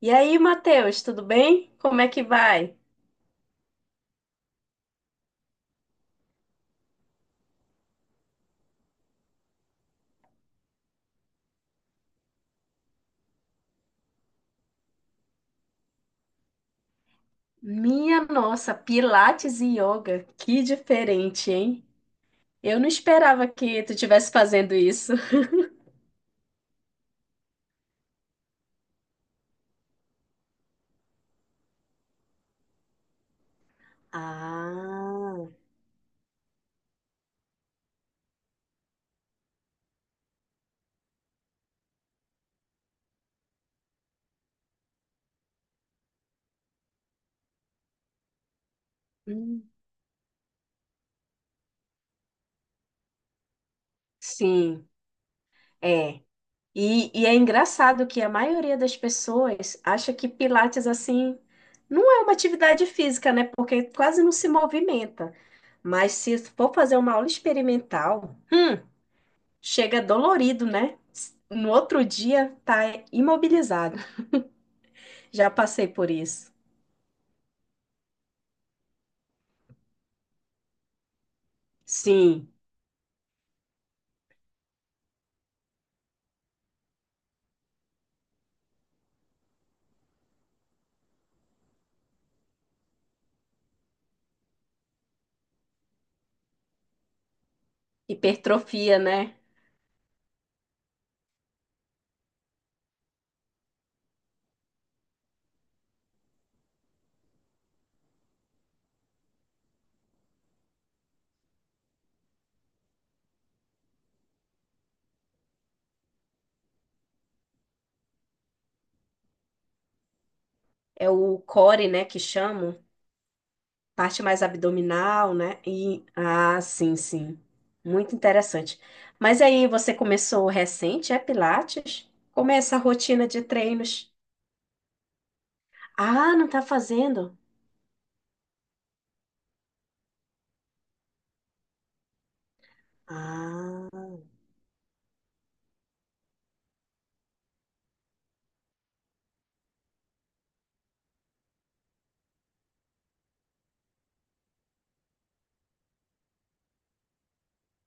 E aí, Matheus, tudo bem? Como é que vai? Minha nossa, Pilates e yoga, que diferente, hein? Eu não esperava que tu estivesse fazendo isso. Ah, hum, sim, é. E é engraçado que a maioria das pessoas acha que Pilates, assim, não é uma atividade física, né? Porque quase não se movimenta. Mas se for fazer uma aula experimental, chega dolorido, né? No outro dia tá imobilizado. Já passei por isso. Sim. Hipertrofia, né? É o core, né, que chamam, parte mais abdominal, né? E ah, sim, sim. Muito interessante. Mas aí você começou recente, é Pilates? Como é essa rotina de treinos? Ah, não tá fazendo? Ah,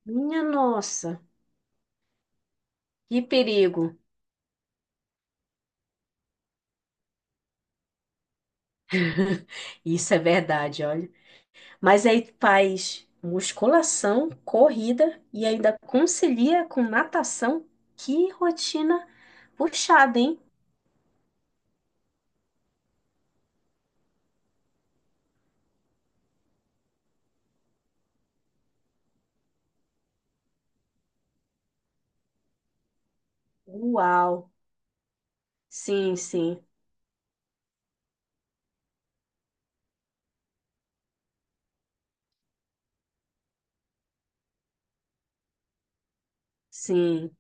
minha nossa. Que perigo. Isso é verdade, olha. Mas aí faz musculação, corrida e ainda concilia com natação. Que rotina puxada, hein? Uau! Sim, sim, sim.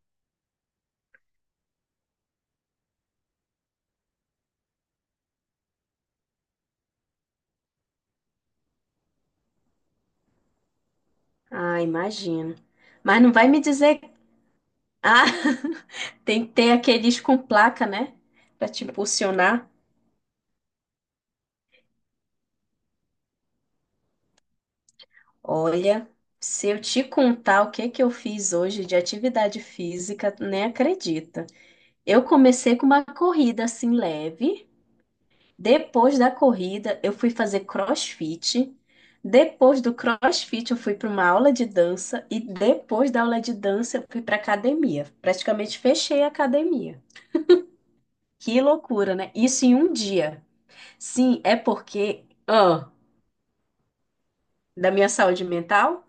Ah, imagino. Mas não vai me dizer. Ah, tem que ter aqueles com placa, né? Pra te impulsionar. Olha, se eu te contar o que que eu fiz hoje de atividade física, nem acredita. Eu comecei com uma corrida assim leve. Depois da corrida, eu fui fazer CrossFit. Depois do CrossFit, eu fui para uma aula de dança. E depois da aula de dança, eu fui para academia. Praticamente fechei a academia. Que loucura, né? Isso em um dia. Sim, é porque, ah, da minha saúde mental?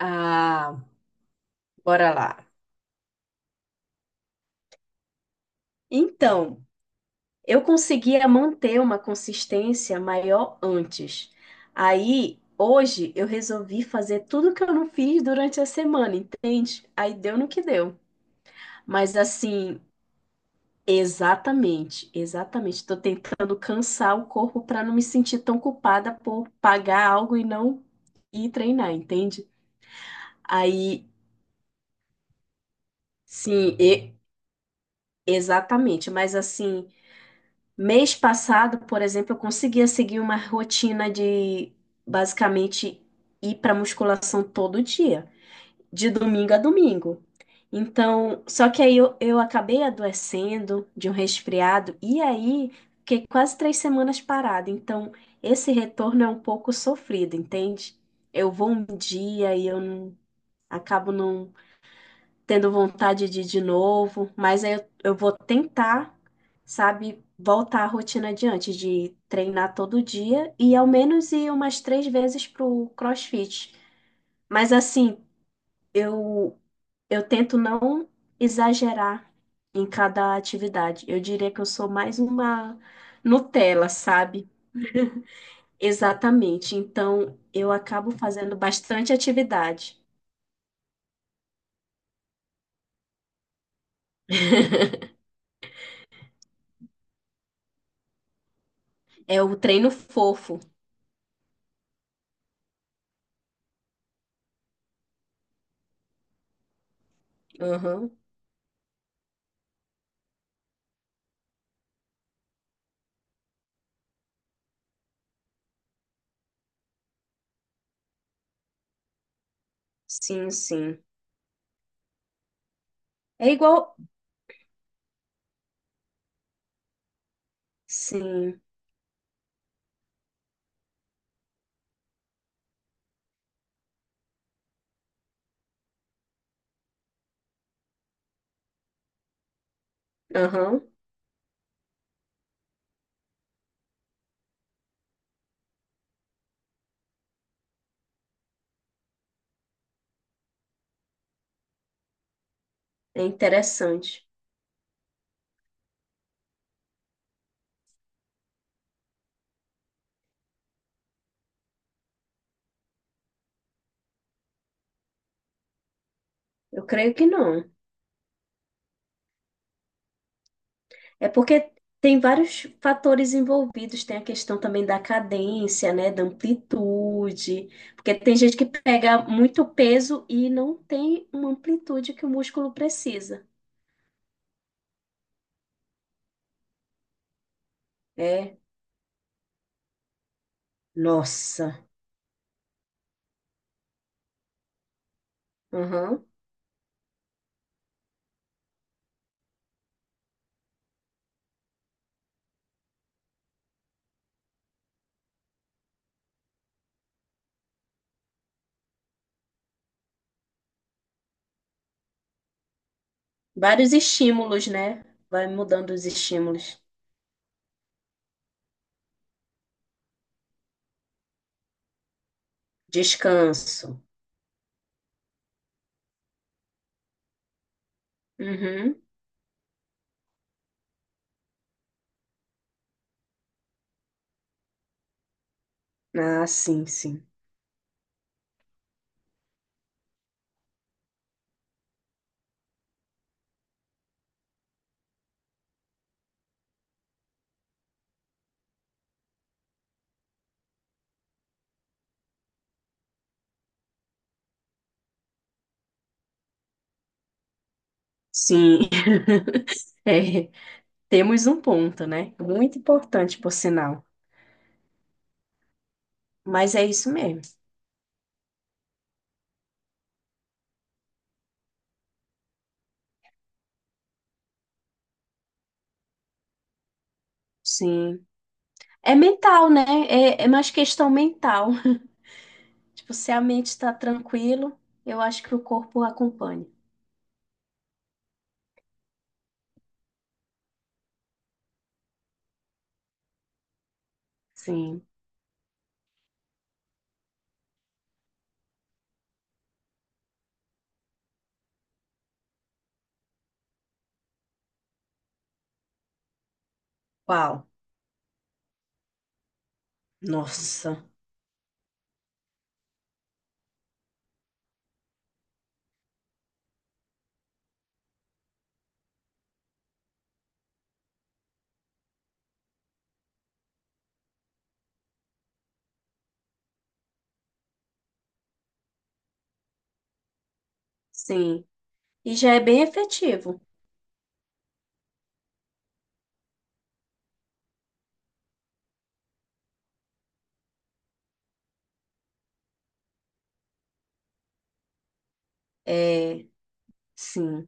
Ah, bora lá. Então, eu conseguia manter uma consistência maior antes. Aí, hoje, eu resolvi fazer tudo que eu não fiz durante a semana, entende? Aí deu no que deu. Mas assim, exatamente, exatamente. Estou tentando cansar o corpo para não me sentir tão culpada por pagar algo e não ir treinar, entende? Aí, sim, e- exatamente. Mas assim. Mês passado, por exemplo, eu conseguia seguir uma rotina de basicamente ir para musculação todo dia, de domingo a domingo. Então, só que aí eu acabei adoecendo de um resfriado e aí fiquei quase 3 semanas parada. Então, esse retorno é um pouco sofrido, entende? Eu vou um dia e eu não- acabo não tendo vontade de ir de novo, mas aí eu vou tentar, sabe, voltar à rotina adiante de treinar todo dia e ao menos ir umas três vezes pro CrossFit. Mas assim, eu eu tento não exagerar em cada atividade. Eu diria que eu sou mais uma Nutella, sabe? Exatamente. Então, eu acabo fazendo bastante atividade. É o treino fofo. Aham. Sim, sim. É igual. Sim, aham. É interessante. Eu creio que não. É porque tem vários fatores envolvidos, tem a questão também da cadência, né, da amplitude, porque tem gente que pega muito peso e não tem uma amplitude que o músculo precisa. É, nossa, aham. Vários estímulos, né? Vai mudando os estímulos. Descanso. Uhum. Ah, sim, sim. Sim, é. Temos um ponto, né? Muito importante, por sinal. Mas é isso mesmo. Sim. É mental, né? É, é mais questão mental. Tipo, se a mente está tranquilo, eu acho que o corpo acompanha. Sim. Uau. Nossa. Sim. E já é bem efetivo. É, sim.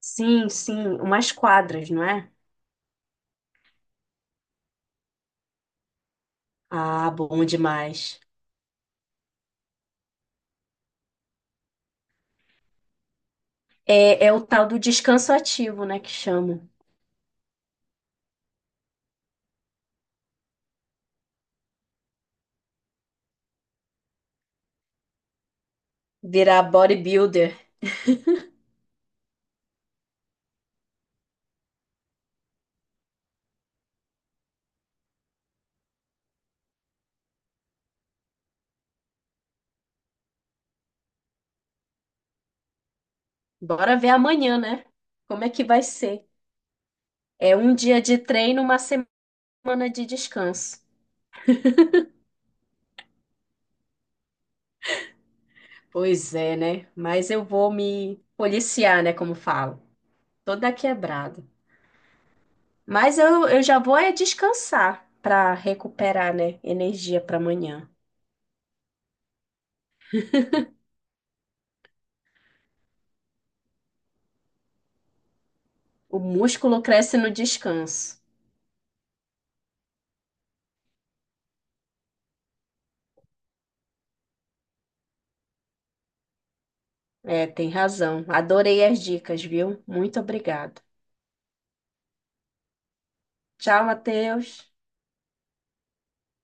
Sim, sim. Umas quadras, não é? Ah, bom demais. É, é o tal do descanso ativo, né? Que chamam. Virar bodybuilder. Bora ver amanhã, né? Como é que vai ser? É um dia de treino, uma semana de descanso. Pois é, né? Mas eu vou me policiar, né? Como falo, toda quebrada. Mas eu já vou é descansar para recuperar, né? Energia para amanhã. O músculo cresce no descanso. É, tem razão. Adorei as dicas, viu? Muito obrigada. Tchau, Matheus.